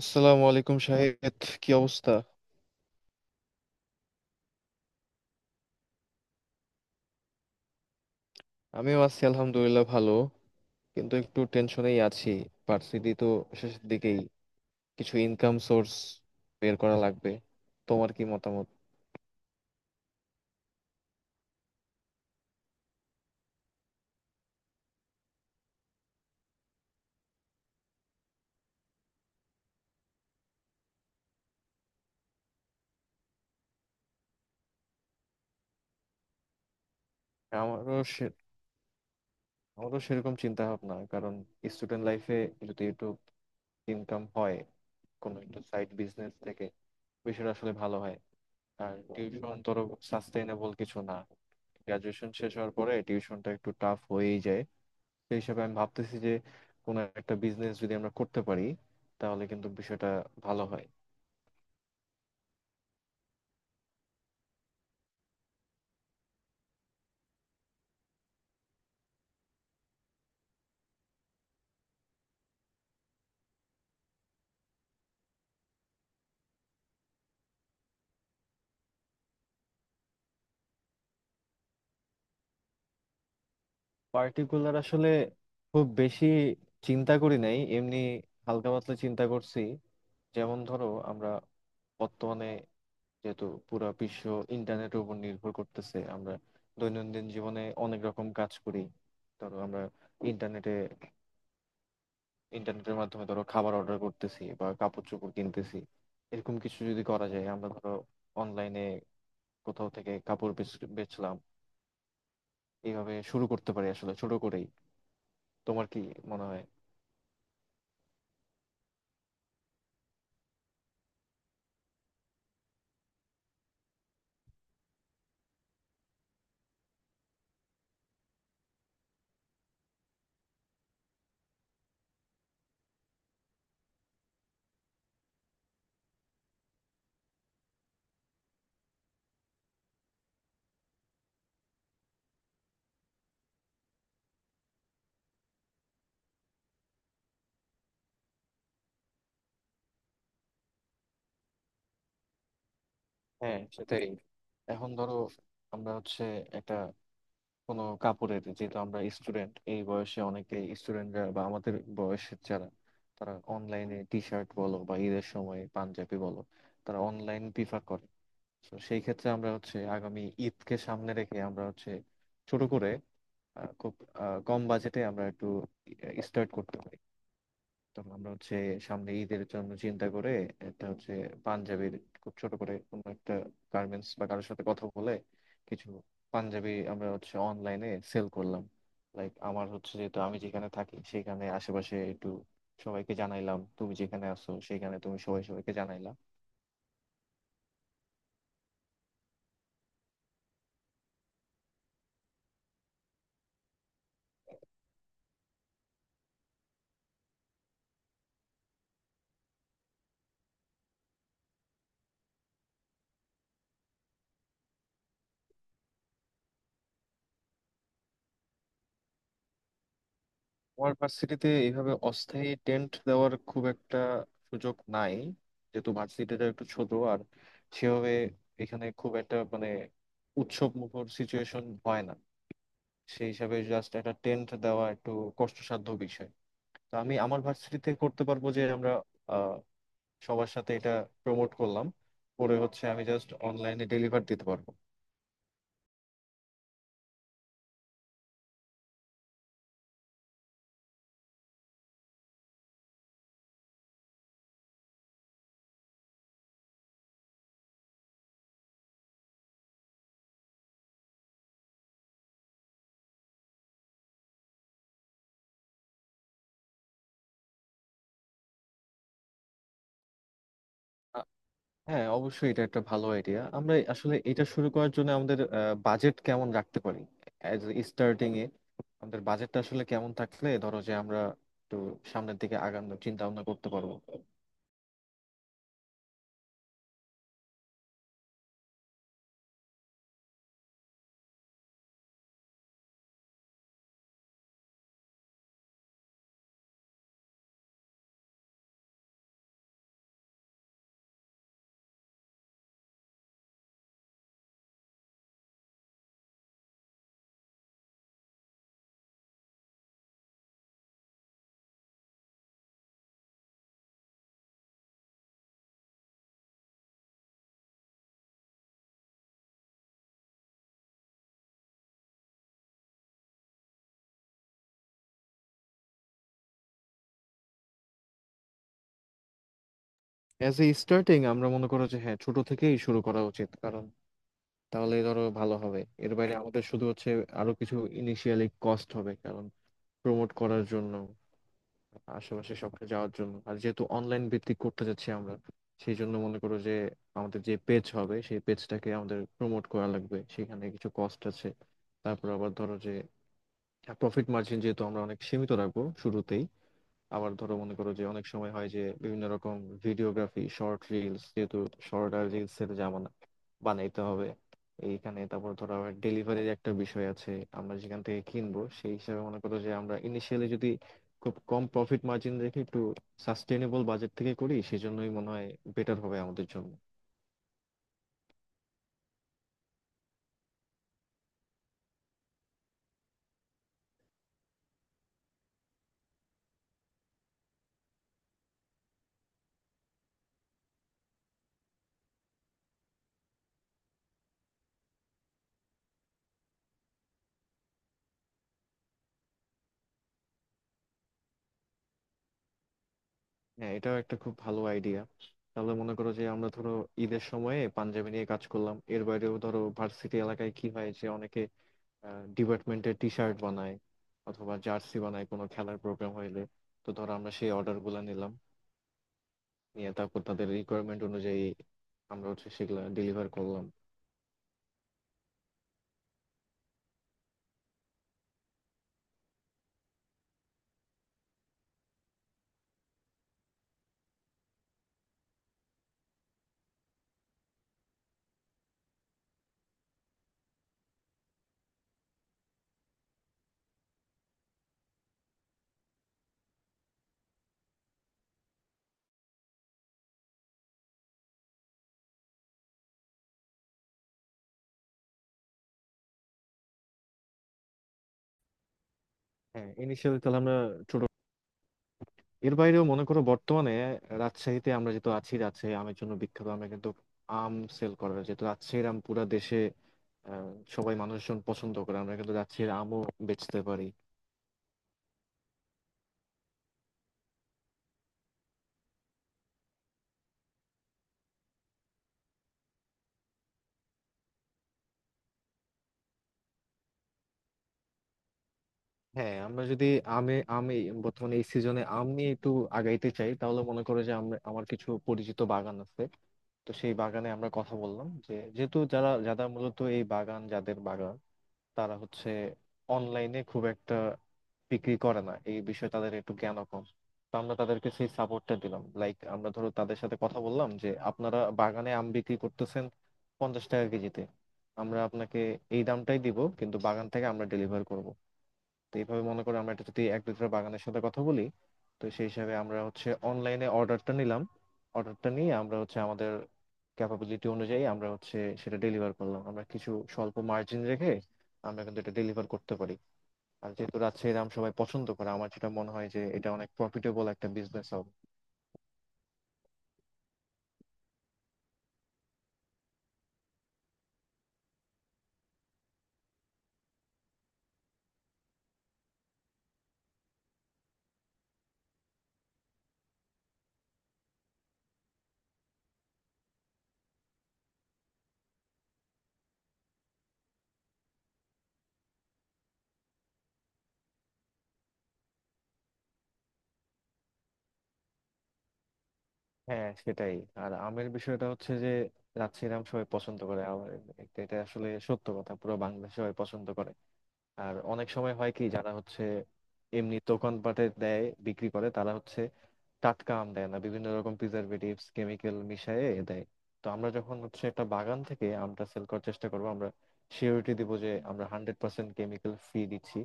আসসালামু আলাইকুম শাহেদ, কি অবস্থা? আমিও আছি আলহামদুলিল্লাহ ভালো, কিন্তু একটু টেনশনেই আছি। ভার্সিটি তো শেষের দিকেই, কিছু ইনকাম সোর্স বের করা লাগবে। তোমার কি মতামত? আমারও সে- আমারও সেরকম চিন্তা ভাবনা, কারণ স্টুডেন্ট লাইফে যদি একটু ইনকাম হয় কোনো একটা সাইড বিজনেস থেকে, বিষয়টা আসলে ভালো হয়। আর টিউশন ধরো সাস্টেইনেবল কিছু না, গ্রাজুয়েশন শেষ হওয়ার পরে টিউশনটা একটু টাফ হয়েই যায়। সেই হিসাবে আমি ভাবতেছি যে কোনো একটা বিজনেস যদি আমরা করতে পারি তাহলে কিন্তু বিষয়টা ভালো হয়। পার্টিকুলার আসলে খুব বেশি চিন্তা করি নাই, এমনি হালকা পাতলা চিন্তা করছি। যেমন ধরো, আমরা বর্তমানে যেহেতু পুরো বিশ্ব ইন্টারনেটের উপর নির্ভর করতেছে, আমরা দৈনন্দিন জীবনে অনেক রকম কাজ করি। ধরো আমরা ইন্টারনেটে ইন্টারনেটের মাধ্যমে ধরো খাবার অর্ডার করতেছি বা কাপড় চোপড় কিনতেছি, এরকম কিছু যদি করা যায়। আমরা ধরো অনলাইনে কোথাও থেকে কাপড় বেচলাম, এইভাবে শুরু করতে পারি আসলে ছোট করেই। তোমার কি মনে হয়? হ্যাঁ, সেটাই। এখন ধরো আমরা হচ্ছে একটা কোনো কাপড়ের, যেহেতু আমরা স্টুডেন্ট, এই বয়সে অনেকে স্টুডেন্টরা বা আমাদের বয়সের যারা, তারা অনলাইনে টি শার্ট বলো বা ঈদের সময় পাঞ্জাবি বলো, তারা অনলাইন প্রিফার করে। তো সেই ক্ষেত্রে আমরা হচ্ছে আগামী ঈদকে সামনে রেখে আমরা হচ্ছে ছোট করে খুব কম বাজেটে আমরা একটু স্টার্ট করতে পারি। তখন আমরা হচ্ছে সামনে ঈদের জন্য চিন্তা করে একটা হচ্ছে পাঞ্জাবির খুব ছোট করে কোনো একটা গার্মেন্টস বা কারোর সাথে কথা বলে কিছু পাঞ্জাবি আমরা হচ্ছে অনলাইনে সেল করলাম। লাইক আমার হচ্ছে যেহেতু আমি যেখানে থাকি সেখানে আশেপাশে একটু সবাইকে জানাইলাম, তুমি যেখানে আছো সেখানে তুমি সবাই সবাইকে জানাইলা। আমার ভার্সিটিতে এইভাবে অস্থায়ী টেন্ট দেওয়ার খুব একটা সুযোগ নাই, যেহেতু ভার্সিটিটা একটু ছোট আর সেভাবে এখানে খুব একটা মানে উৎসব মুখর সিচুয়েশন হয় না। সেই হিসাবে জাস্ট একটা টেন্ট দেওয়া একটু কষ্টসাধ্য বিষয়। তো আমি আমার ভার্সিটিতে করতে পারবো যে আমরা আহ, সবার সাথে এটা প্রমোট করলাম, পরে হচ্ছে আমি জাস্ট অনলাইনে ডেলিভার দিতে পারবো। আ- হ্যাঁ, অবশ্যই এটা একটা ভালো আইডিয়া। আমরা আসলে এটা শুরু করার জন্য আমাদের বাজেট কেমন রাখতে পারি অ্যাজ স্টার্টিং এ? আমাদের বাজেটটা আসলে কেমন থাকলে ধরো যে আমরা একটু সামনের দিকে আগানোর চিন্তা ভাবনা করতে পারবো? অ্যাজ এ স্টার্টিং আমরা মনে করো যে হ্যাঁ, ছোট থেকেই শুরু করা উচিত, কারণ তাহলে ধরো ভালো হবে। এর বাইরে আমাদের শুধু হচ্ছে আরো কিছু ইনিশিয়ালি কস্ট হবে, কারণ প্রমোট করার জন্য আশেপাশে সবকে যাওয়ার জন্য। আর যেহেতু অনলাইন ভিত্তিক করতে যাচ্ছি আমরা, সেই জন্য মনে করো যে আমাদের যে পেজ হবে সেই পেজটাকে আমাদের প্রমোট করা লাগবে, সেখানে কিছু কস্ট আছে। তারপর আবার ধরো যে প্রফিট মার্জিন যেহেতু আমরা অনেক সীমিত রাখবো শুরুতেই, আবার ধরো মনে করো যে অনেক সময় হয় যে বিভিন্ন রকম ভিডিওগ্রাফি, শর্ট রিলস, যেহেতু শর্ট আর রিলস এর জামানা, বানাইতে হবে এইখানে। তারপর ধরো আবার ডেলিভারির একটা বিষয় আছে, আমরা যেখান থেকে কিনবো সেই হিসাবে মনে করো যে আমরা ইনিশিয়ালি যদি খুব কম প্রফিট মার্জিন রেখে একটু সাস্টেনেবল বাজেট থেকে করি, সেজন্যই মনে হয় বেটার হবে আমাদের জন্য। হ্যাঁ, এটাও একটা খুব ভালো আইডিয়া। তাহলে মনে করো যে আমরা ধরো ঈদের সময়ে পাঞ্জাবি নিয়ে কাজ করলাম, এর বাইরেও ধরো ভার্সিটি এলাকায় কি হয় যে অনেকে ডিপার্টমেন্টের টি শার্ট বানায় অথবা জার্সি বানায় কোনো খেলার প্রোগ্রাম হইলে। তো ধরো আমরা সেই অর্ডার গুলা নিলাম, নিয়ে তারপর তাদের রিকোয়ারমেন্ট অনুযায়ী আমরা হচ্ছে সেগুলা ডেলিভার করলাম। হ্যাঁ, ইনিশিয়ালি তাহলে আমরা ছোট, এর বাইরেও মনে করো বর্তমানে রাজশাহীতে আমরা যেহেতু আছি, রাজশাহী আমের জন্য বিখ্যাত, আমরা কিন্তু আম সেল করা হয়। যেহেতু রাজশাহীর আম পুরা দেশে আহ, সবাই মানুষজন পছন্দ করে, আমরা কিন্তু রাজশাহীর আমও বেচতে পারি। হ্যাঁ, আমরা যদি আমে আমি বর্তমানে এই সিজনে আম নিয়ে একটু আগাইতে চাই, তাহলে মনে করো যে আমরা, আমার কিছু পরিচিত বাগান আছে। তো সেই বাগানে আমরা কথা বললাম যে যেহেতু যারা যারা মূলত এই বাগান যাদের বাগান, তারা হচ্ছে অনলাইনে খুব একটা বিক্রি করে না, এই বিষয়ে তাদের একটু জ্ঞান কম। তো আমরা তাদেরকে সেই সাপোর্টটা দিলাম। লাইক আমরা ধরো তাদের সাথে কথা বললাম যে আপনারা বাগানে আম বিক্রি করতেছেন 50 টাকা কেজিতে, আমরা আপনাকে এই দামটাই দিব, কিন্তু বাগান থেকে আমরা ডেলিভার করব। তো এইভাবে মনে করো আমরা এটা যদি এক দুটো বাগানের সাথে কথা বলি, তো সেই হিসাবে আমরা হচ্ছে অনলাইনে অর্ডারটা নিলাম, অর্ডারটা নিয়ে আমরা হচ্ছে আমাদের ক্যাপাবিলিটি অনুযায়ী আমরা হচ্ছে সেটা ডেলিভার করলাম। আমরা কিছু স্বল্প মার্জিন রেখে আমরা কিন্তু এটা ডেলিভার করতে পারি। আর যেহেতু রাজশাহীর আম সবাই পছন্দ করে, আমার যেটা মনে হয় যে এটা অনেক প্রফিটেবল একটা বিজনেস হবে। হ্যাঁ, সেটাই। আর আমের বিষয়টা হচ্ছে যে রাজশাহীর আম সবাই পছন্দ করে, আর এটা এটা আসলে সত্য কথা, পুরো বাংলাদেশ সবাই পছন্দ করে। আর অনেক সময় হয় কি যারা হচ্ছে এমনি দোকানপাটে দেয় বিক্রি করে, তারা হচ্ছে টাটকা আম দেয় না, বিভিন্ন রকম প্রিজারভেটিভস কেমিক্যাল মিশিয়ে দেয়। তো আমরা যখন হচ্ছে একটা বাগান থেকে আমটা সেল করার চেষ্টা করবো, আমরা সিওরিটি দিব যে আমরা 100% কেমিক্যাল ফ্রি দিচ্ছি।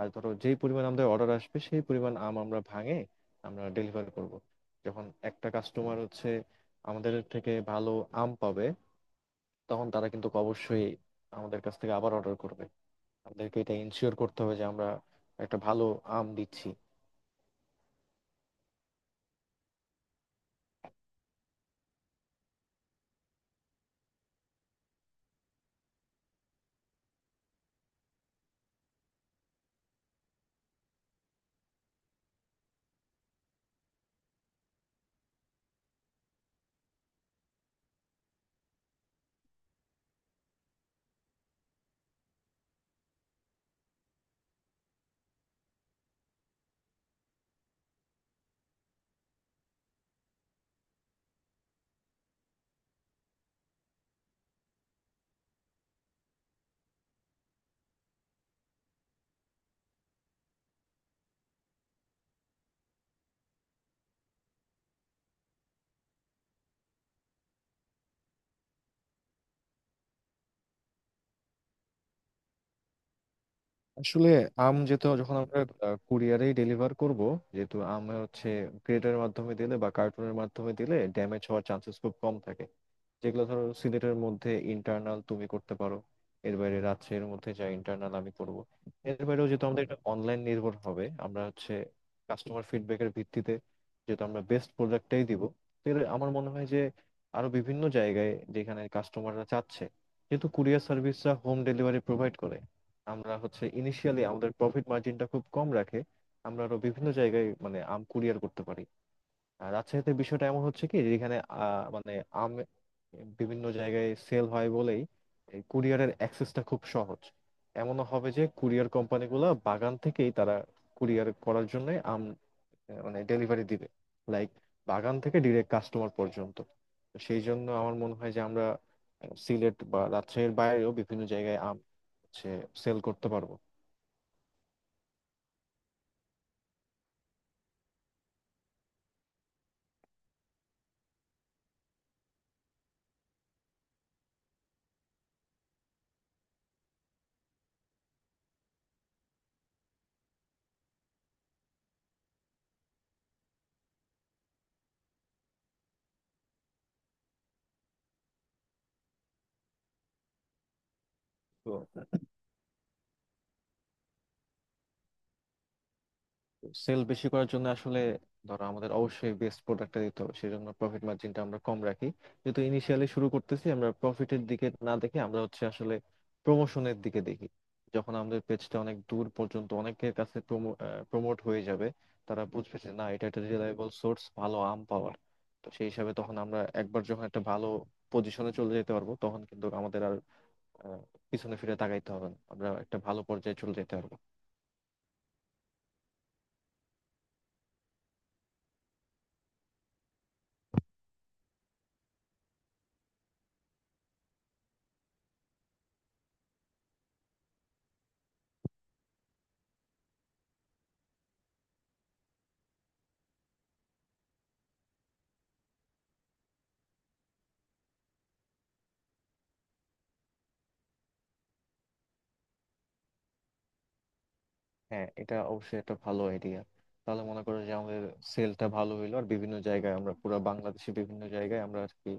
আর ধরো যেই পরিমাণ আমাদের অর্ডার আসবে সেই পরিমাণ আম আমরা ভাঙে আমরা ডেলিভার করব। যখন একটা কাস্টমার হচ্ছে আমাদের থেকে ভালো আম পাবে, তখন তারা কিন্তু অবশ্যই আমাদের কাছ থেকে আবার অর্ডার করবে। আমাদেরকে এটা ইনশিওর করতে হবে যে আমরা একটা ভালো আম দিচ্ছি। আসলে আম যেহেতু, যখন আমরা কুরিয়ারেই ডেলিভার করব, যেহেতু আম হচ্ছে ক্রেটের মাধ্যমে দিলে বা কার্টুনের মাধ্যমে দিলে ড্যামেজ হওয়ার চান্সেস খুব কম থাকে, যেগুলো ধরো সিলেটের মধ্যে ইন্টারনাল তুমি করতে পারো, এর বাইরে রাজশাহীর মধ্যে যা ইন্টারনাল আমি করব। এর বাইরেও যেহেতু আমাদের এটা অনলাইন নির্ভর হবে, আমরা হচ্ছে কাস্টমার ফিডব্যাকের ভিত্তিতে, যেহেতু আমরা বেস্ট প্রোডাক্টটাই দিব, তো এর আমার মনে হয় যে আরো বিভিন্ন জায়গায় যেখানে কাস্টমাররা চাচ্ছে, যেহেতু কুরিয়ার সার্ভিসরা হোম ডেলিভারি প্রোভাইড করে, আমরা হচ্ছে ইনিশিয়ালি আমাদের প্রফিট মার্জিনটা খুব কম রাখে আমরা আরো বিভিন্ন জায়গায় মানে আম কুরিয়ার করতে পারি। আর রাজশাহীতে বিষয়টা এমন হচ্ছে কি যে এখানে মানে আম বিভিন্ন জায়গায় সেল হয় বলেই এই কুরিয়ারের অ্যাক্সেসটা খুব সহজ। এমনও হবে যে কুরিয়ার কোম্পানিগুলো বাগান থেকেই তারা কুরিয়ার করার জন্য আম মানে ডেলিভারি দিবে, লাইক বাগান থেকে ডিরেক্ট কাস্টমার পর্যন্ত। তো সেই জন্য আমার মনে হয় যে আমরা সিলেট বা রাজশাহীর বাইরেও বিভিন্ন জায়গায় আম হচ্ছে সেল করতে পারবো। সেল বেশি করার জন্য আসলে, ধরো আমাদের অবশ্যই বেস্ট প্রোডাক্টটা দিতে হবে, সেজন্য প্রফিট মার্জিনটা আমরা কম রাখি। যেহেতু ইনিশিয়ালি শুরু করতেছি আমরা প্রফিটের দিকে না দেখে আমরা হচ্ছে আসলে প্রমোশনের দিকে দেখি। যখন আমাদের পেজটা অনেক দূর পর্যন্ত অনেকের কাছে প্রমোট হয়ে যাবে, তারা বুঝবে যে না, এটা একটা রিলায়েবল সোর্স ভালো আম পাওয়ার। তো সেই হিসাবে তখন আমরা একবার যখন একটা ভালো পজিশনে চলে যেতে পারবো, তখন কিন্তু আমাদের আর আহ, পিছনে ফিরে তাকাইতে হবে না, আমরা একটা ভালো পর্যায়ে চলে যেতে পারবো। হ্যাঁ, এটা অবশ্যই একটা ভালো আইডিয়া। তাহলে মনে করো যে আমাদের সেলটা ভালো হইলো আর বিভিন্ন জায়গায় আমরা পুরো বাংলাদেশে বিভিন্ন জায়গায় আমরা আর কি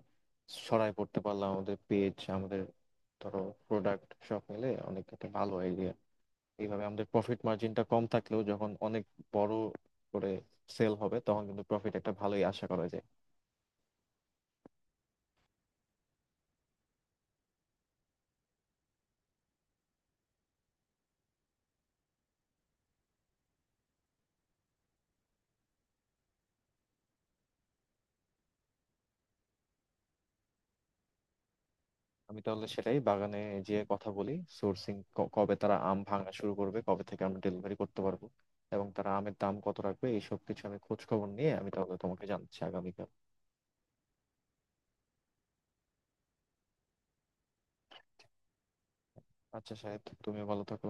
ছড়াই পড়তে পারলাম, আমাদের পেজ, আমাদের ধরো প্রোডাক্ট, সব মিলে অনেক একটা ভালো আইডিয়া। এইভাবে আমাদের প্রফিট মার্জিনটা কম থাকলেও যখন অনেক বড় করে সেল হবে তখন কিন্তু প্রফিট একটা ভালোই আশা করা যায়। আমি তাহলে সেটাই বাগানে যেয়ে কথা বলি, সোর্সিং, কবে তারা আম ভাঙা শুরু করবে, কবে থেকে আমরা ডেলিভারি করতে পারবো, এবং তারা আমের দাম কত রাখবে, এইসব কিছু আমি খোঁজ খবর নিয়ে আমি তাহলে তোমাকে জানাচ্ছি আগামীকাল। আচ্ছা সাহেব, তুমিও ভালো থাকো।